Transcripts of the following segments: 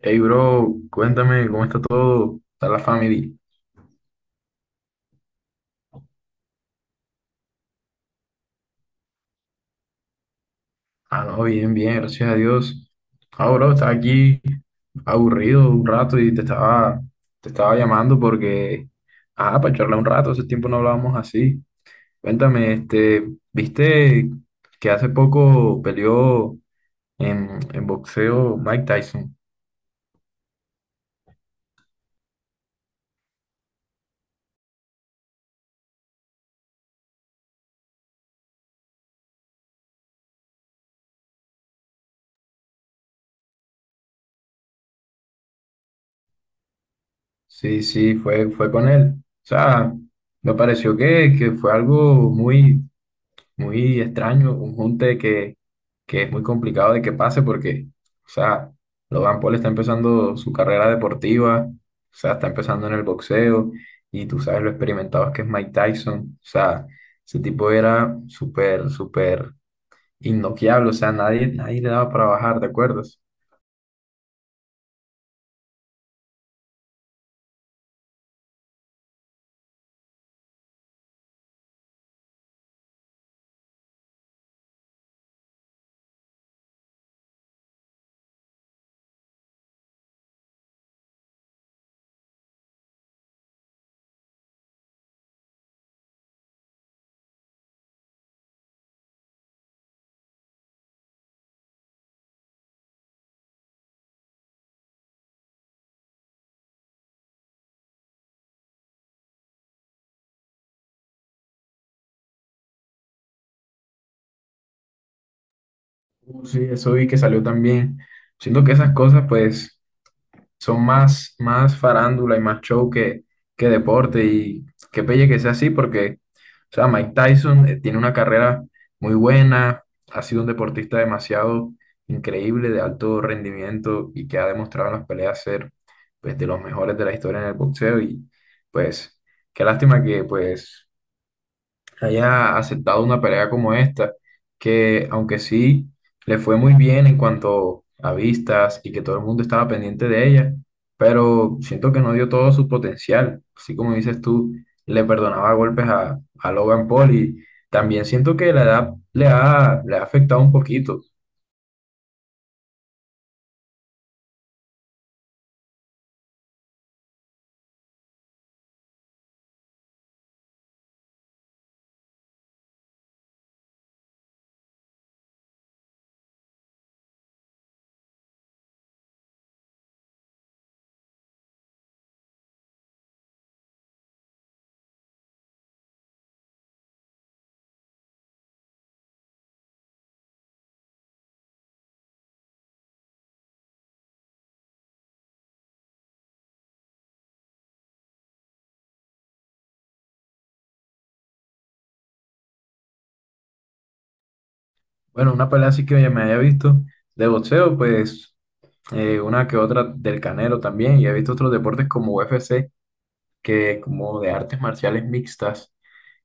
Hey, bro, cuéntame cómo está todo, está la familia. Ah, no, bien, bien, gracias a Dios. Ah, bro, estaba aquí aburrido un rato y te estaba llamando porque, para charlar un rato, hace tiempo no hablábamos así. Cuéntame, ¿viste que hace poco peleó en boxeo Mike Tyson? Sí, sí, fue con él. O sea, me pareció que fue algo muy extraño, un junte que es muy complicado de que pase porque, o sea, Logan Paul está empezando su carrera deportiva, o sea, está empezando en el boxeo y tú sabes lo experimentado que es Mike Tyson. O sea, ese tipo era súper, súper innoqueable. O sea, nadie, nadie le daba para bajar, ¿te acuerdas? Sí, eso vi que salió también. Siento que esas cosas, pues son más, más farándula y más show que deporte. Y qué pelle que sea así, porque, o sea, Mike Tyson tiene una carrera muy buena, ha sido un deportista demasiado increíble, de alto rendimiento y que ha demostrado en las peleas ser, pues, de los mejores de la historia en el boxeo. Y, pues, qué lástima pues, que haya aceptado una pelea como esta, que aunque sí le fue muy bien en cuanto a vistas y que todo el mundo estaba pendiente de ella, pero siento que no dio todo su potencial. Así como dices tú, le perdonaba golpes a Logan Paul y también siento que la edad le ha afectado un poquito. Bueno, una pelea así que ya me haya visto de boxeo, pues una que otra del Canelo también, y he visto otros deportes como UFC, que como de artes marciales mixtas.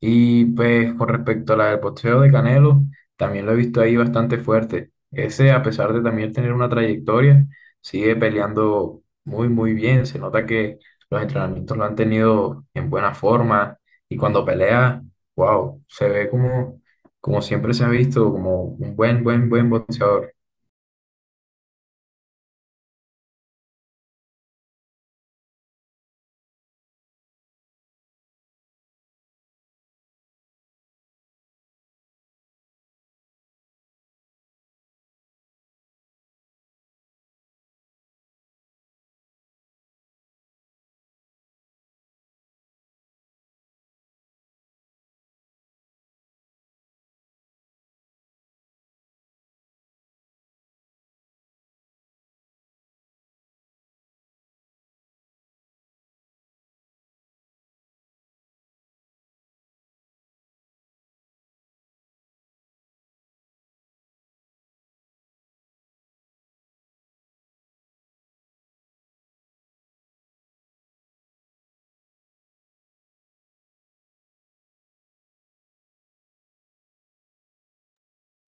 Y pues con respecto a la del boxeo de Canelo, también lo he visto ahí bastante fuerte. Ese, a pesar de también tener una trayectoria, sigue peleando muy, muy bien. Se nota que los entrenamientos lo han tenido en buena forma y cuando pelea, wow, se ve como, como siempre se ha visto, como un buen, buen, buen boxeador.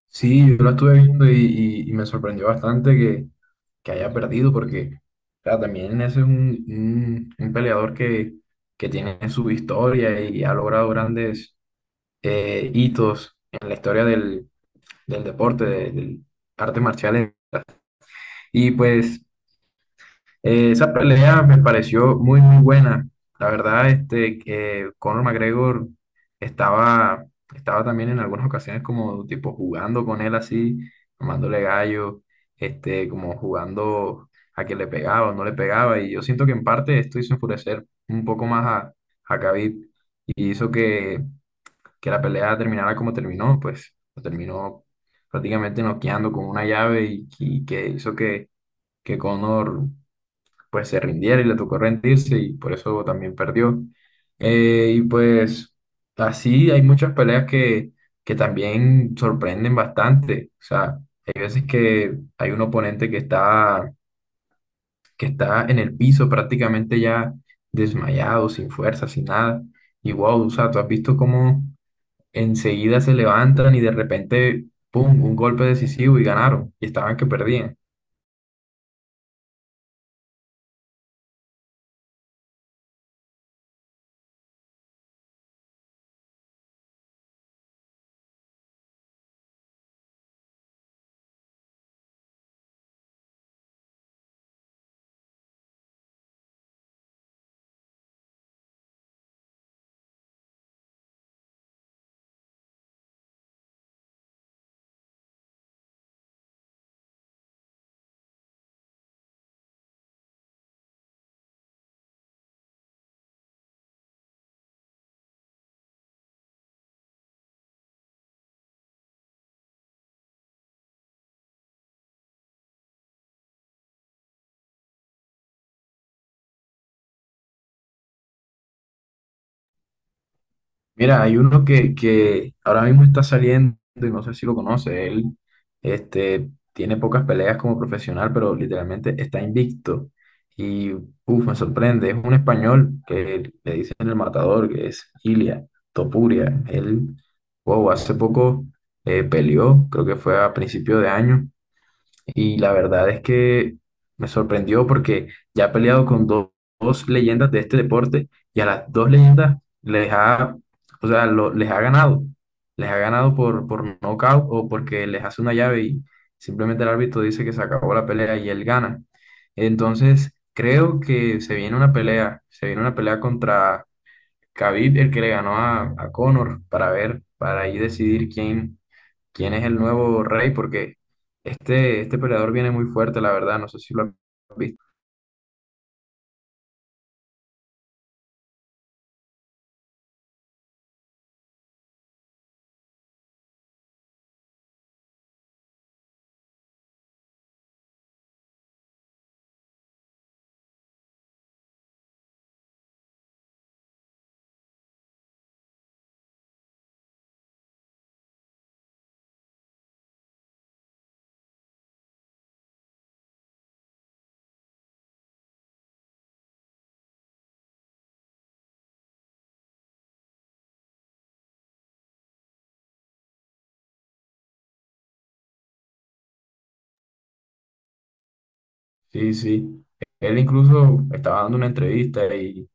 Sí, yo lo estuve viendo y me sorprendió bastante que haya perdido, porque claro, también ese es un peleador que tiene su historia y ha logrado grandes hitos en la historia del deporte, del arte marcial. Y pues esa pelea me pareció muy, muy buena. La verdad, este, que Conor McGregor estaba, estaba también en algunas ocasiones como tipo jugando con él así, tomándole gallo, este, como jugando a que le pegaba o no le pegaba. Y yo siento que en parte esto hizo enfurecer un poco más a Khabib y hizo que la pelea terminara como terminó, pues lo terminó prácticamente noqueando con una llave y que hizo que Conor pues se rindiera y le tocó rendirse y por eso también perdió. Y pues así hay muchas peleas que también sorprenden bastante. O sea, hay veces que hay un oponente que está en el piso prácticamente ya desmayado, sin fuerza, sin nada. Y wow, o sea, tú has visto cómo enseguida se levantan y de repente, ¡pum!, un golpe decisivo y ganaron. Y estaban que perdían. Mira, hay uno que ahora mismo está saliendo y no sé si lo conoce. Él este, tiene pocas peleas como profesional, pero literalmente está invicto. Y uff, me sorprende. Es un español que le dicen el matador, que es Ilia Topuria. Él, wow, hace poco peleó, creo que fue a principio de año. Y la verdad es que me sorprendió porque ya ha peleado con dos leyendas de este deporte y a las dos leyendas les ha, o sea, les ha ganado. Les ha ganado por nocaut o porque les hace una llave y simplemente el árbitro dice que se acabó la pelea y él gana. Entonces, creo que se viene se viene una pelea contra Khabib, el que le ganó a Conor, para ver, para ahí decidir quién es el nuevo rey, porque este peleador viene muy fuerte, la verdad, no sé si lo han visto. Sí, sí. Él incluso estaba dando una entrevista y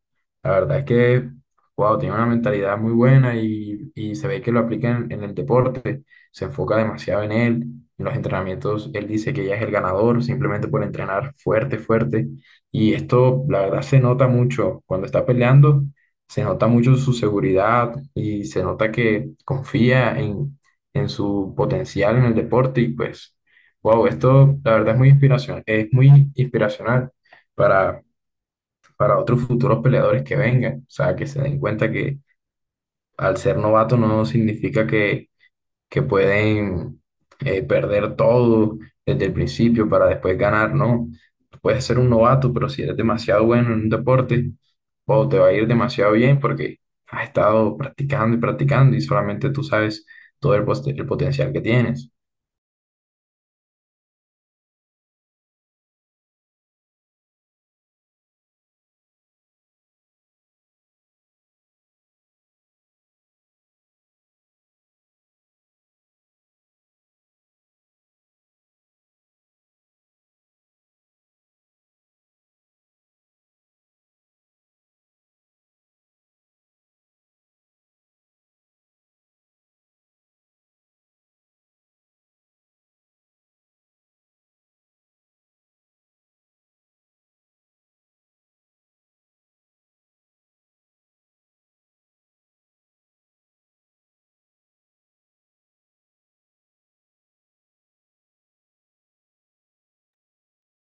la verdad es wow, tiene una mentalidad muy buena y se ve que lo aplica en el deporte, se enfoca demasiado en él. En los entrenamientos, él dice que ya es el ganador simplemente por entrenar fuerte, fuerte. Y esto, la verdad, se nota mucho cuando está peleando, se nota mucho su seguridad y se nota que confía en su potencial en el deporte y pues... Wow, esto la verdad es muy inspiración, es muy inspiracional para, para otros futuros peleadores que vengan. O sea, que se den cuenta que al ser novato no significa que pueden perder todo desde el principio para después ganar, no. Puedes ser un novato, pero si eres demasiado bueno en un deporte, wow, te va a ir demasiado bien porque has estado practicando y practicando y solamente tú sabes todo el, el potencial que tienes.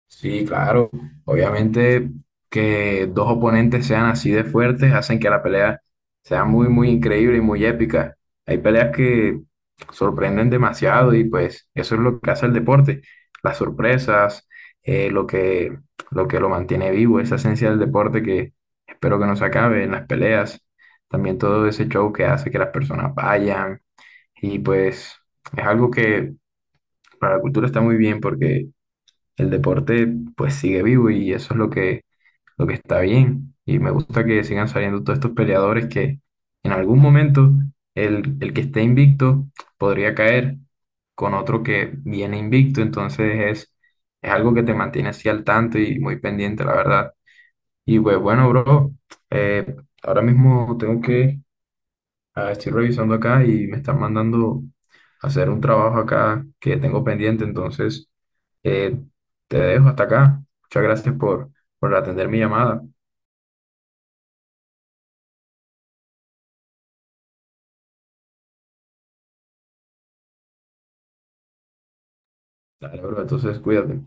Sí, claro. Obviamente que dos oponentes sean así de fuertes hacen que la pelea sea muy, muy increíble y muy épica. Hay peleas que sorprenden demasiado y pues eso es lo que hace el deporte. Las sorpresas, eh, lo que, lo que lo mantiene vivo, esa esencia del deporte que espero que no se acabe en las peleas. También todo ese show que hace que las personas vayan y pues es algo que para la cultura está muy bien porque el deporte pues sigue vivo y eso es lo que está bien. Y me gusta que sigan saliendo todos estos peleadores que en algún momento el que esté invicto podría caer con otro que viene invicto. Es algo que te mantiene así al tanto y muy pendiente, la verdad. Y pues bueno, bro, eh, ahora mismo tengo que... Ah, estoy revisando acá y me están mandando a hacer un trabajo acá que tengo pendiente, entonces eh, te dejo hasta acá. Muchas gracias por atender mi llamada. Dale, bro, entonces cuídate.